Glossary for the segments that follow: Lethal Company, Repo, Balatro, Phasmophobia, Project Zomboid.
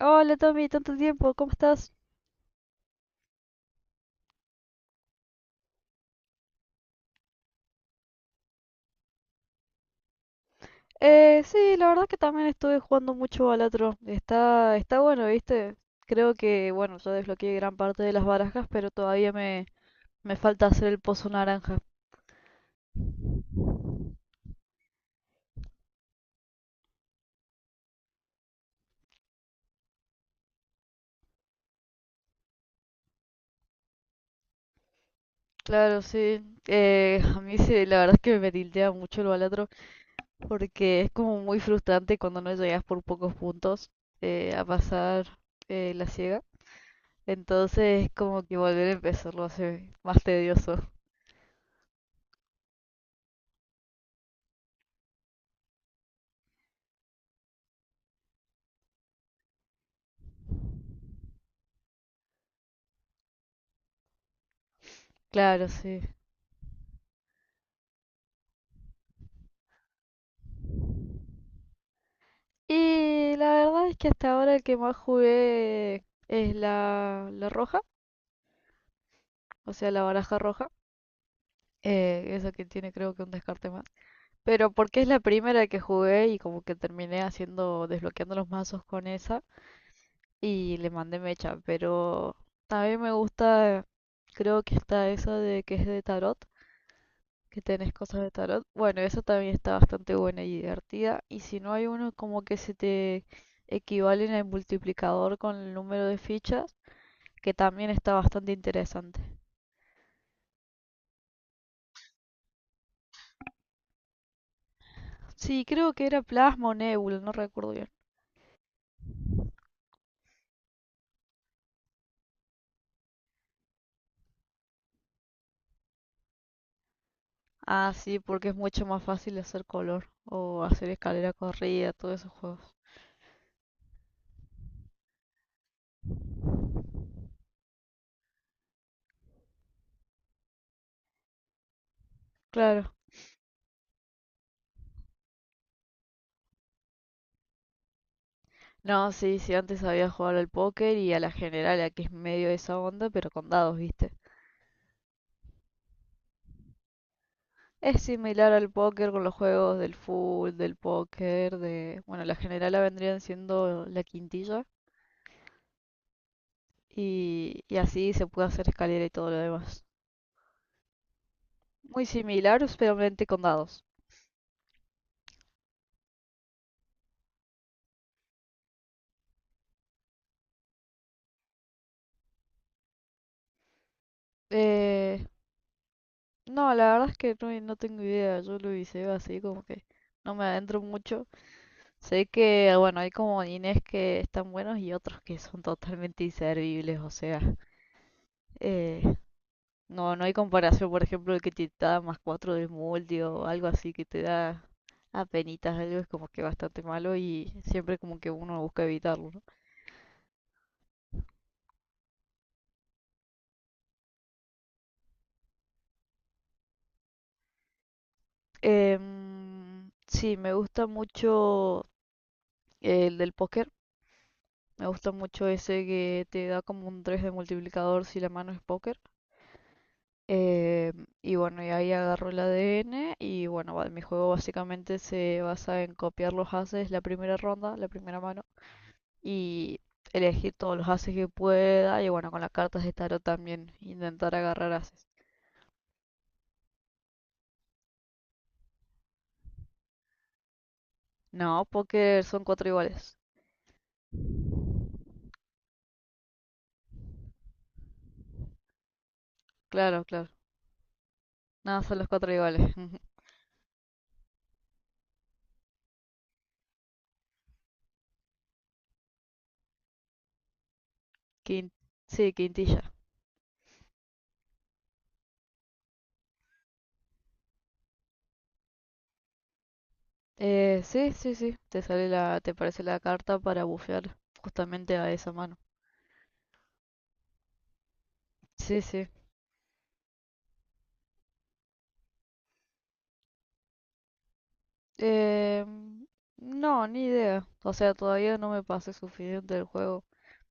Hola Tommy, tanto tiempo, ¿cómo estás? Sí, la verdad que también estuve jugando mucho al otro. Está bueno, ¿viste? Creo que, bueno, yo desbloqueé gran parte de las barajas, pero me falta hacer el pozo naranja. Claro, sí. A mí sí, la verdad es que me tiltea mucho el balatro, porque es como muy frustrante cuando no llegas por pocos puntos a pasar la ciega. Entonces, como que volver a empezarlo hace más tedioso. Claro, sí. Y la verdad es que hasta ahora el que más jugué es la roja, o sea, la baraja roja. Esa que tiene creo que un descarte más. Pero porque es la primera que jugué y como que terminé haciendo, desbloqueando los mazos con esa y le mandé mecha. Pero también me gusta, creo que está esa de que es de tarot, que tenés cosas de tarot. Bueno, esa también está bastante buena y divertida. Y si no hay uno como que se te equivalen el multiplicador con el número de fichas que también está bastante interesante. Sí, creo que era plasma o nebula, no recuerdo bien. Ah, sí, porque es mucho más fácil hacer color o hacer escalera corrida, todos esos juegos. Claro. No, sí, sí, antes sabía jugar al póker y a la general, que es medio de esa onda, pero con dados, ¿viste? Es similar al póker con los juegos del full, del póker, de... Bueno, la generala vendrían siendo la quintilla y así se puede hacer escalera y todo lo demás. Muy similar, pero solamente con dados. Eh, No, la verdad es que no, no tengo idea, yo lo viseo así como que no me adentro mucho. Sé que, bueno, hay como Inés que están buenos y otros que son totalmente inservibles, o sea, eh, no, no hay comparación, por ejemplo, el que te da más cuatro del multi o algo así que te da apenitas algo, es como que bastante malo y siempre como que uno busca evitarlo, ¿no? Sí, me gusta mucho el del póker. Me gusta mucho ese que te da como un 3 de multiplicador si la mano es póker. Eh, y bueno, y ahí agarro el ADN y bueno, mi juego básicamente se basa en copiar los ases la primera ronda, la primera mano, y elegir todos los ases que pueda y bueno, con las cartas de tarot también intentar agarrar ases. No, póker son cuatro iguales. Claro, claro. Nada, son los cuatro iguales. Quin- sí, quintilla. Sí, sí, sí. Te aparece la carta para bufear justamente a esa mano. Sí, sí. Eh, no, ni idea. O sea, todavía no me pasé suficiente del juego.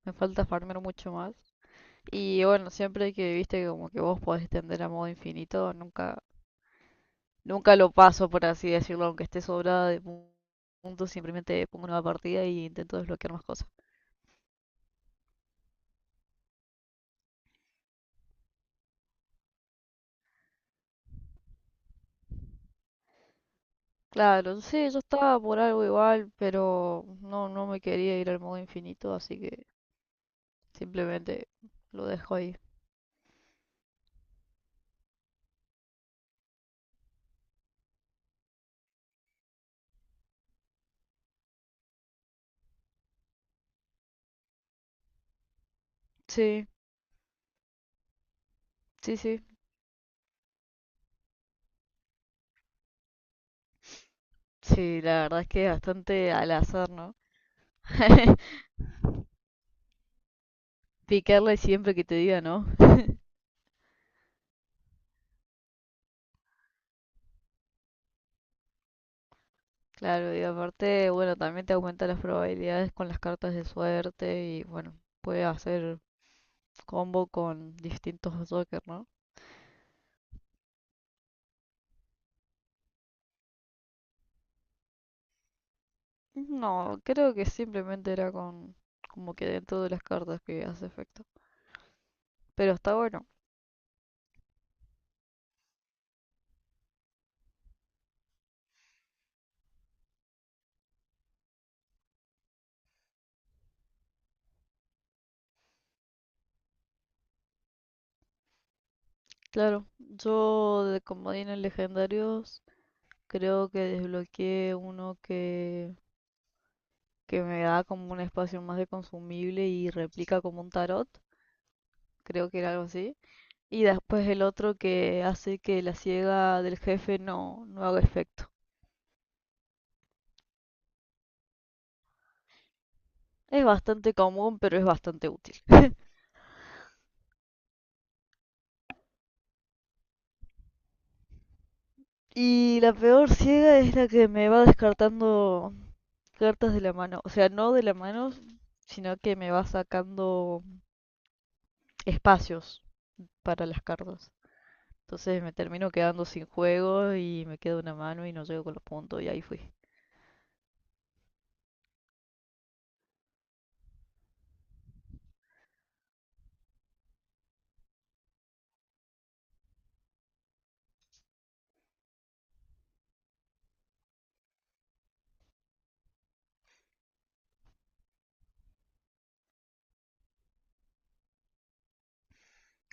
Me falta farmear mucho más. Y bueno, siempre que viste como que vos podés extender a modo infinito, nunca lo paso, por así decirlo, aunque esté sobrada de puntos, simplemente pongo una nueva partida y intento desbloquear más cosas. Claro, sí, yo estaba por algo igual, pero no, no me quería ir al modo infinito, así que simplemente lo dejo ahí. Sí, sí, sí. Sí, la verdad es que es bastante al azar, ¿no? Picarle siempre que te diga no. Claro, y aparte, bueno, también te aumenta las probabilidades con las cartas de suerte y bueno, puede hacer combo con distintos Joker, ¿no? No, creo que simplemente era con como que dentro de las cartas que hace efecto. Pero está bueno. Claro, yo de comodines legendarios creo que desbloqueé que me da como un espacio más de consumible y replica como un tarot. Creo que era algo así. Y después el otro que hace que la ciega del jefe no haga efecto. Es bastante común, pero es bastante útil. Y la peor ciega es la que me va descartando cartas de la mano. O sea, no de la mano, sino que me va sacando espacios para las cartas. Entonces me termino quedando sin juego y me queda una mano y no llego con los puntos y ahí fui.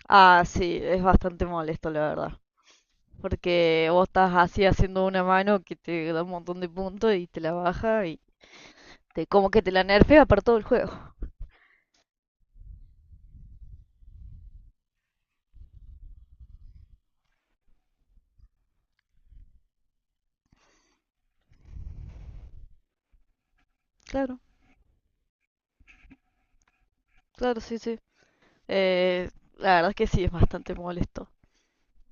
Ah, sí, es bastante molesto, la verdad. Porque vos estás así haciendo una mano que te da un montón de puntos y te la baja y te como que te la nerfea para todo el juego. Claro, claro, sí, sí. Eh, la verdad es que sí, es bastante molesto.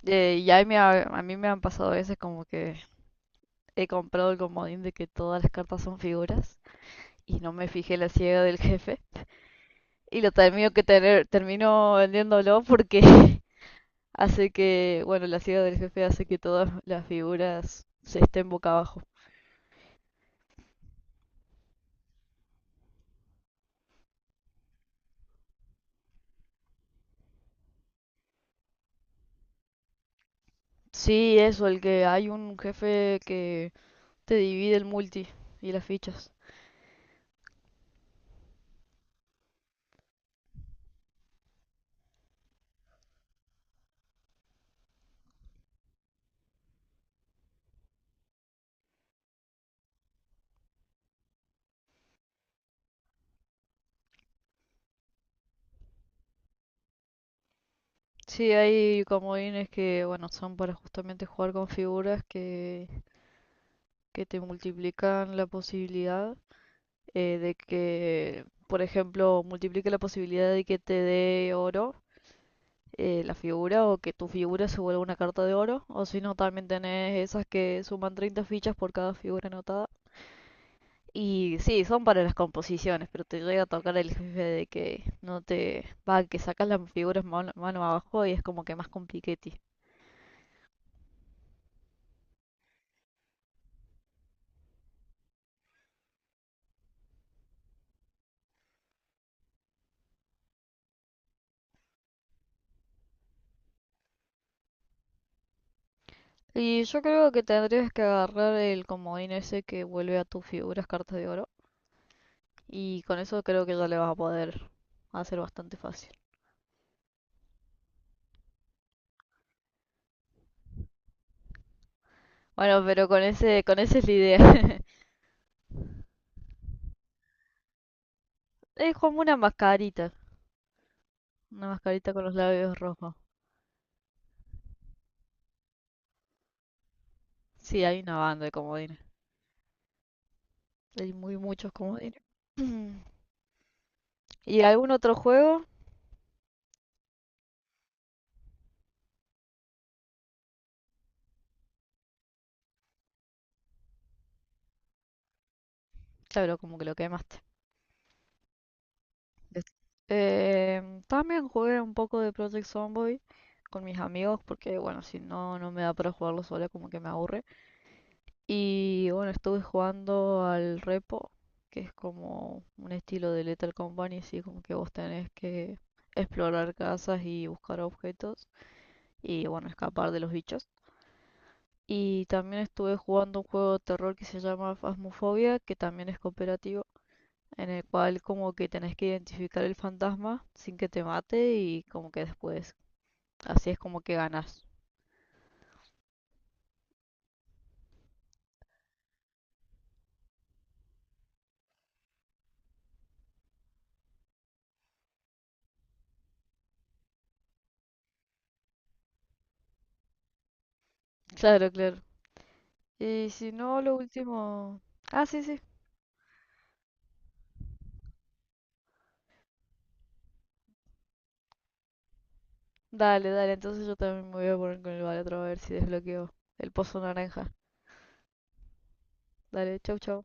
Y ahí a mí me han pasado veces como que he comprado el comodín de que todas las cartas son figuras y no me fijé la ciega del jefe. Y lo termino que tener, termino vendiéndolo porque hace que, bueno, la ciudad del jefe hace que todas las figuras se estén boca abajo. Sí, eso, el que hay un jefe que te divide el multi y las fichas. Sí, hay comodines que, bueno, son para justamente jugar con figuras que te multiplican la posibilidad de que, por ejemplo, multiplique la posibilidad de que te dé oro la figura o que tu figura se vuelva una carta de oro. O si no, también tenés esas que suman 30 fichas por cada figura anotada. Y sí, son para las composiciones, pero te llega a tocar el jefe de que no te va, que sacas las figuras mano, mano abajo y es como que más compliquete. Y yo creo que tendrías que agarrar el comodín ese que vuelve a tus figuras cartas de oro. Y con eso creo que ya le vas a poder hacer bastante fácil. Bueno, pero con ese, con esa es la idea. Es como una mascarita. Una mascarita con los labios rojos. Sí, hay una banda de comodines. Hay muy muchos comodines. ¿Y algún otro juego? Claro, como que lo quemaste. Des- también jugué un poco de Project Zomboid con mis amigos porque, bueno, si no, no me da para jugarlo sola, como que me aburre. Y bueno, estuve jugando al Repo, que es como un estilo de Lethal Company, así como que vos tenés que explorar casas y buscar objetos y, bueno, escapar de los bichos. Y también estuve jugando un juego de terror que se llama Phasmophobia, que también es cooperativo, en el cual como que tenés que identificar el fantasma sin que te mate y como que después. Así es como que ganas. Claro, claro. Y si no, lo último... Ah, sí, sí. Dale, dale. Entonces yo también me voy a poner con el otro a ver si desbloqueo el pozo naranja. Dale, chau, chau.